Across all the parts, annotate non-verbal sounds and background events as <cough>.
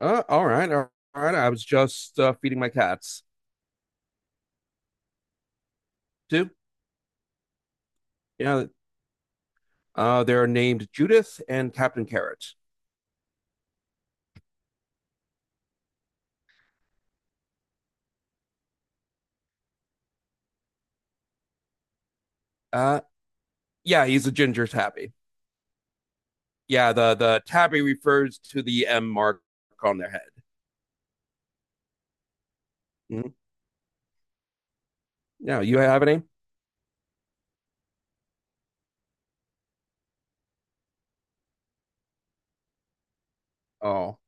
All right, all right. I was just feeding my cats too. Yeah, they're named Judith and Captain Carrot. Uh, yeah, he's a ginger tabby. Yeah, the tabby refers to the M mark on their head. Mhm. Yeah, you have a name? Oh,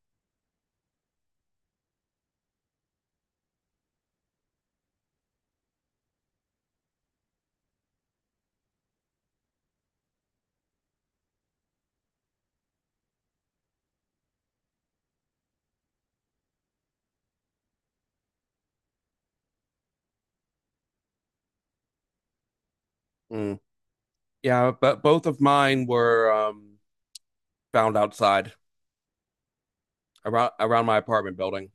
mm. yeah, but both of mine were found outside around my apartment building.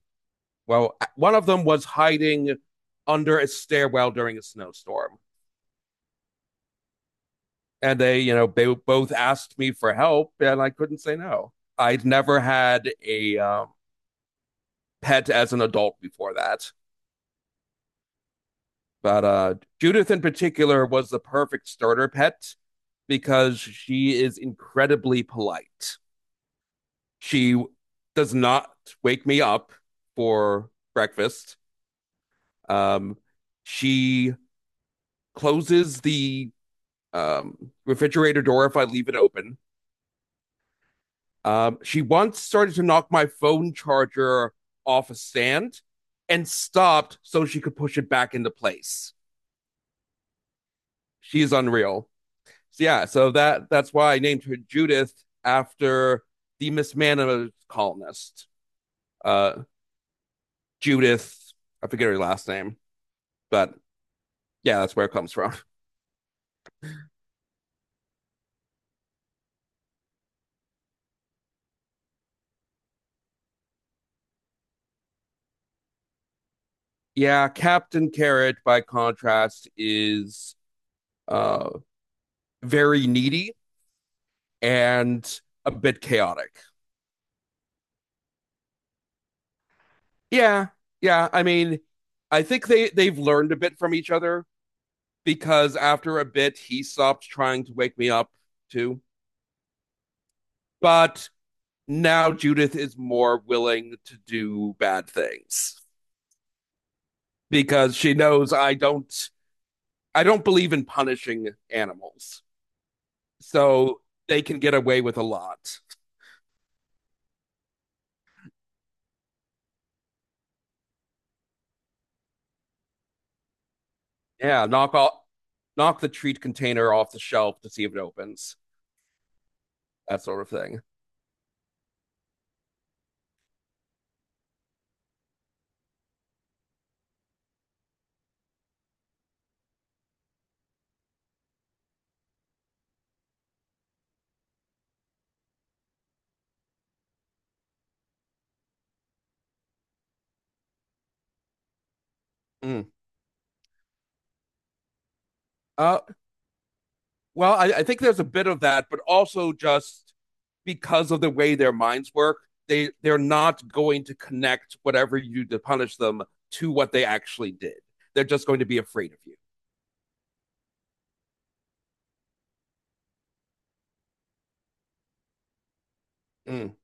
Well, one of them was hiding under a stairwell during a snowstorm. And they they both asked me for help and I couldn't say no. I'd never had a pet as an adult before that, but Judith in particular was the perfect starter pet because she is incredibly polite. She does not wake me up for breakfast. um, she closes the refrigerator door if I leave it open. She once started to knock my phone charger off a stand and stopped so she could push it back into place. She is unreal. So yeah, so that's why I named her Judith after the Miss Manor columnist, uh, Judith. I forget her last name, but yeah, that's where it comes from. <laughs> Yeah, Captain Carrot, by contrast, is uh, very needy and a bit chaotic. Yeah, yeah. I mean, I think they've learned a bit from each other because after a bit he stopped trying to wake me up too. But now Judith is more willing to do bad things because she knows I don't, I don't believe in punishing animals. So they can get away with a lot. Yeah, knock all, knock the treat container off the shelf to see if it opens. That sort of thing. Mm. Uh Well, I think there's a bit of that, but also just because of the way their minds work, they're not going to connect whatever you do to punish them to what they actually did. They're just going to be afraid of you. Mm.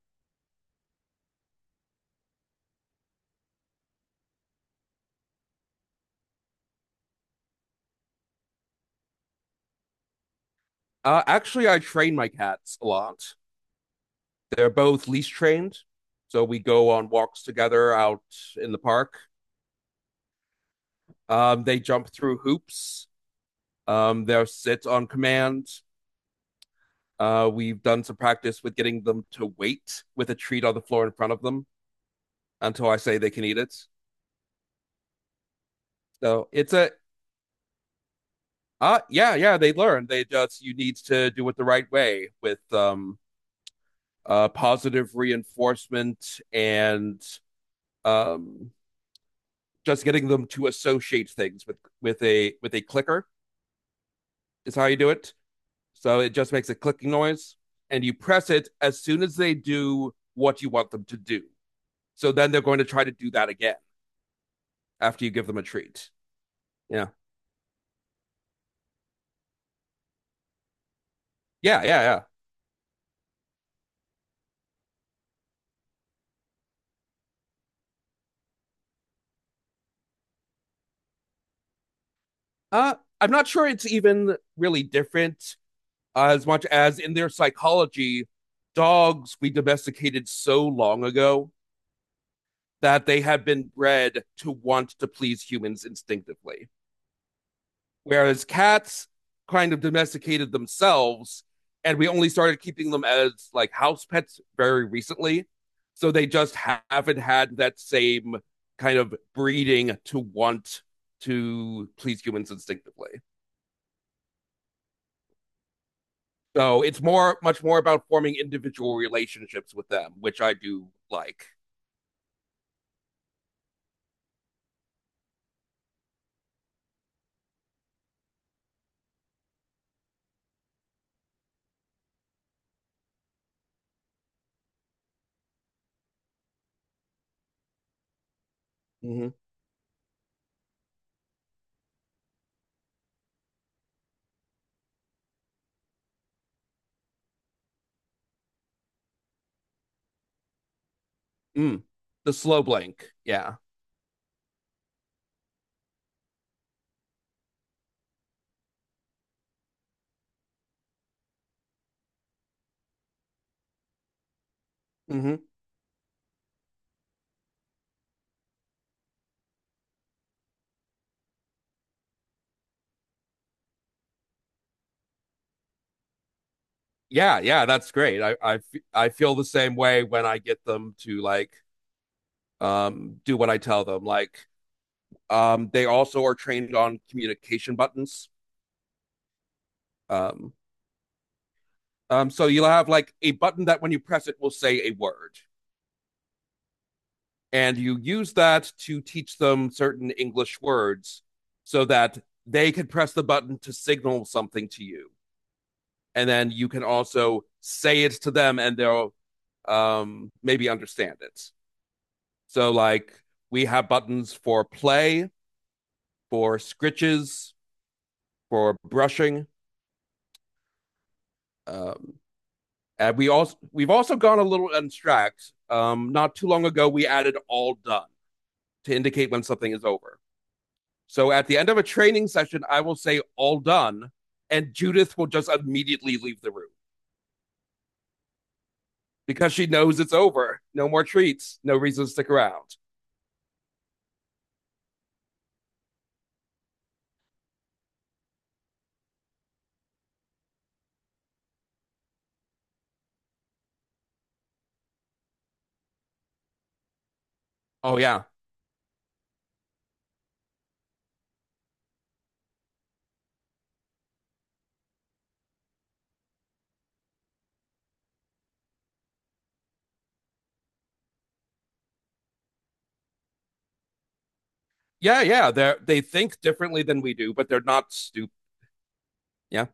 Actually, I train my cats a lot. They're both leash trained, so we go on walks together out in the park. They jump through hoops. They'll sit on command. We've done some practice with getting them to wait with a treat on the floor in front of them until I say they can eat it. So it's a yeah, yeah, they learn. They just, you need to do it the right way with positive reinforcement and um just getting them to associate things with with a clicker is how you do it. So it just makes a clicking noise and you press it as soon as they do what you want them to do. So then they're going to try to do that again after you give them a treat. Yeah. Yeah, yeah, yeah. Uh I'm not sure it's even really different as much as in their psychology, dogs we domesticated so long ago that they have been bred to want to please humans instinctively. Whereas cats kind of domesticated themselves, and we only started keeping them as like house pets very recently. So they just haven't had that same kind of breeding to want to please humans instinctively. So it's more, much more about forming individual relationships with them, which I do like. Mm-hmm. Mm. The slow blink, yeah. Mm-hmm. Yeah, yeah. That's great. I feel the same way when I get them to like do what I tell them. Like they also are trained on communication buttons. Um, so you'll have like a button that when you press it will say a word, and you use that to teach them certain English words so that they can press the button to signal something to you. And then you can also say it to them and they'll maybe understand it. So, like, we have buttons for play, for scritches, for brushing. Um, and we've also gone a little abstract. Not too long ago, we added all done to indicate when something is over. So at the end of a training session, I will say, all done. And Judith will just immediately leave the room because she knows it's over. No more treats. No reason to stick around. Oh, yeah. Yeah, yeah. They think differently than we do, but they're not stupid. Yeah.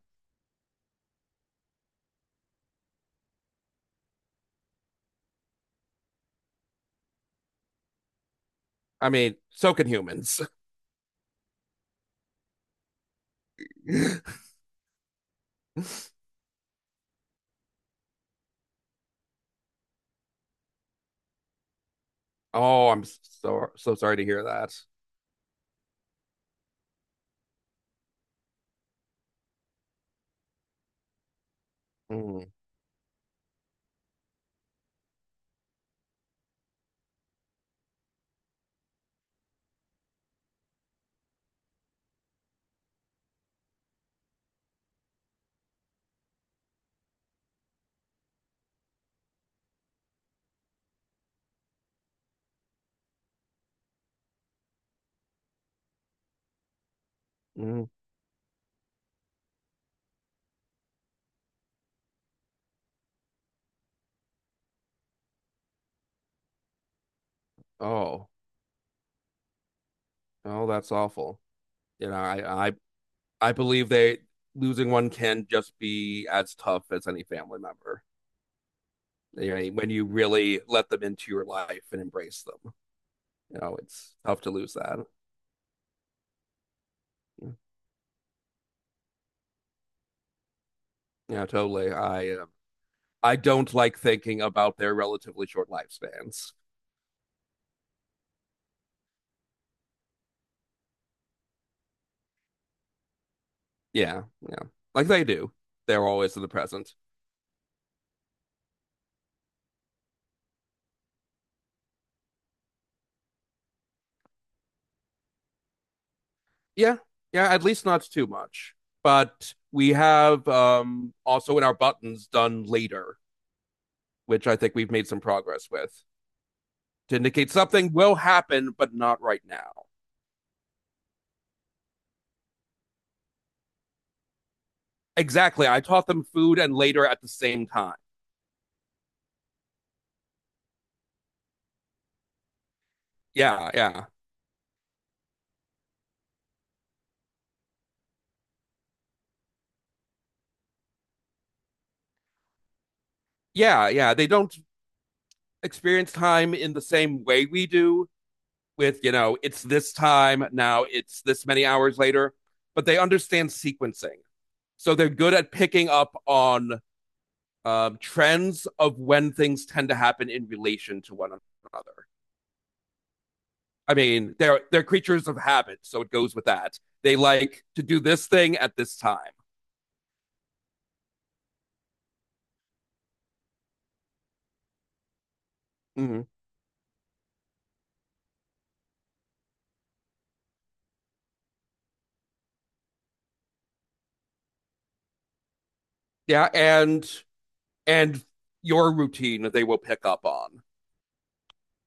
I mean, so can humans. <laughs> Oh, I'm so sorry to hear that. Mm, mm. Oh, oh, that's awful. You know, I believe they, losing one can just be as tough as any family member. You know, when you really let them into your life and embrace them. You know, it's tough to lose that. Mm. Yeah, totally. I don't like thinking about their relatively short lifespans. Yeah, yeah, like they do. They're always in the present. Yeah, yeah. At least not too much. But we have also in our buttons done later, which I think we've made some progress with to indicate something will happen, but not right now. Exactly. I taught them food and later at the same time. Yeah, yeah. Yeah, yeah, they don't experience time in the same way we do with, you know, it's this time now, it's this many hours later, but they understand sequencing. So they're good at picking up on trends of when things tend to happen in relation to one another. I mean, they're creatures of habit, so it goes with that. They like to do this thing at this time. Mhm. Yeah, and your routine they will pick up on.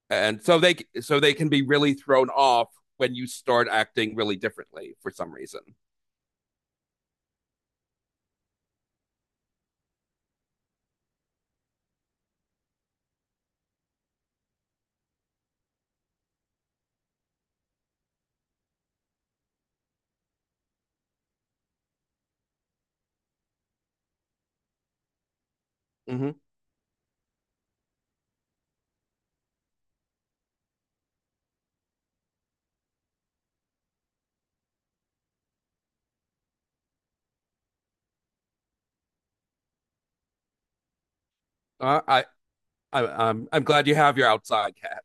And so they can be really thrown off when you start acting really differently for some reason. Mm-hmm. Uh, I, I'm glad you have your outside cat.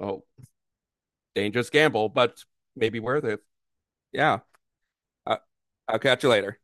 Oh, dangerous gamble, but maybe worth it. Yeah, uh, I'll catch you later.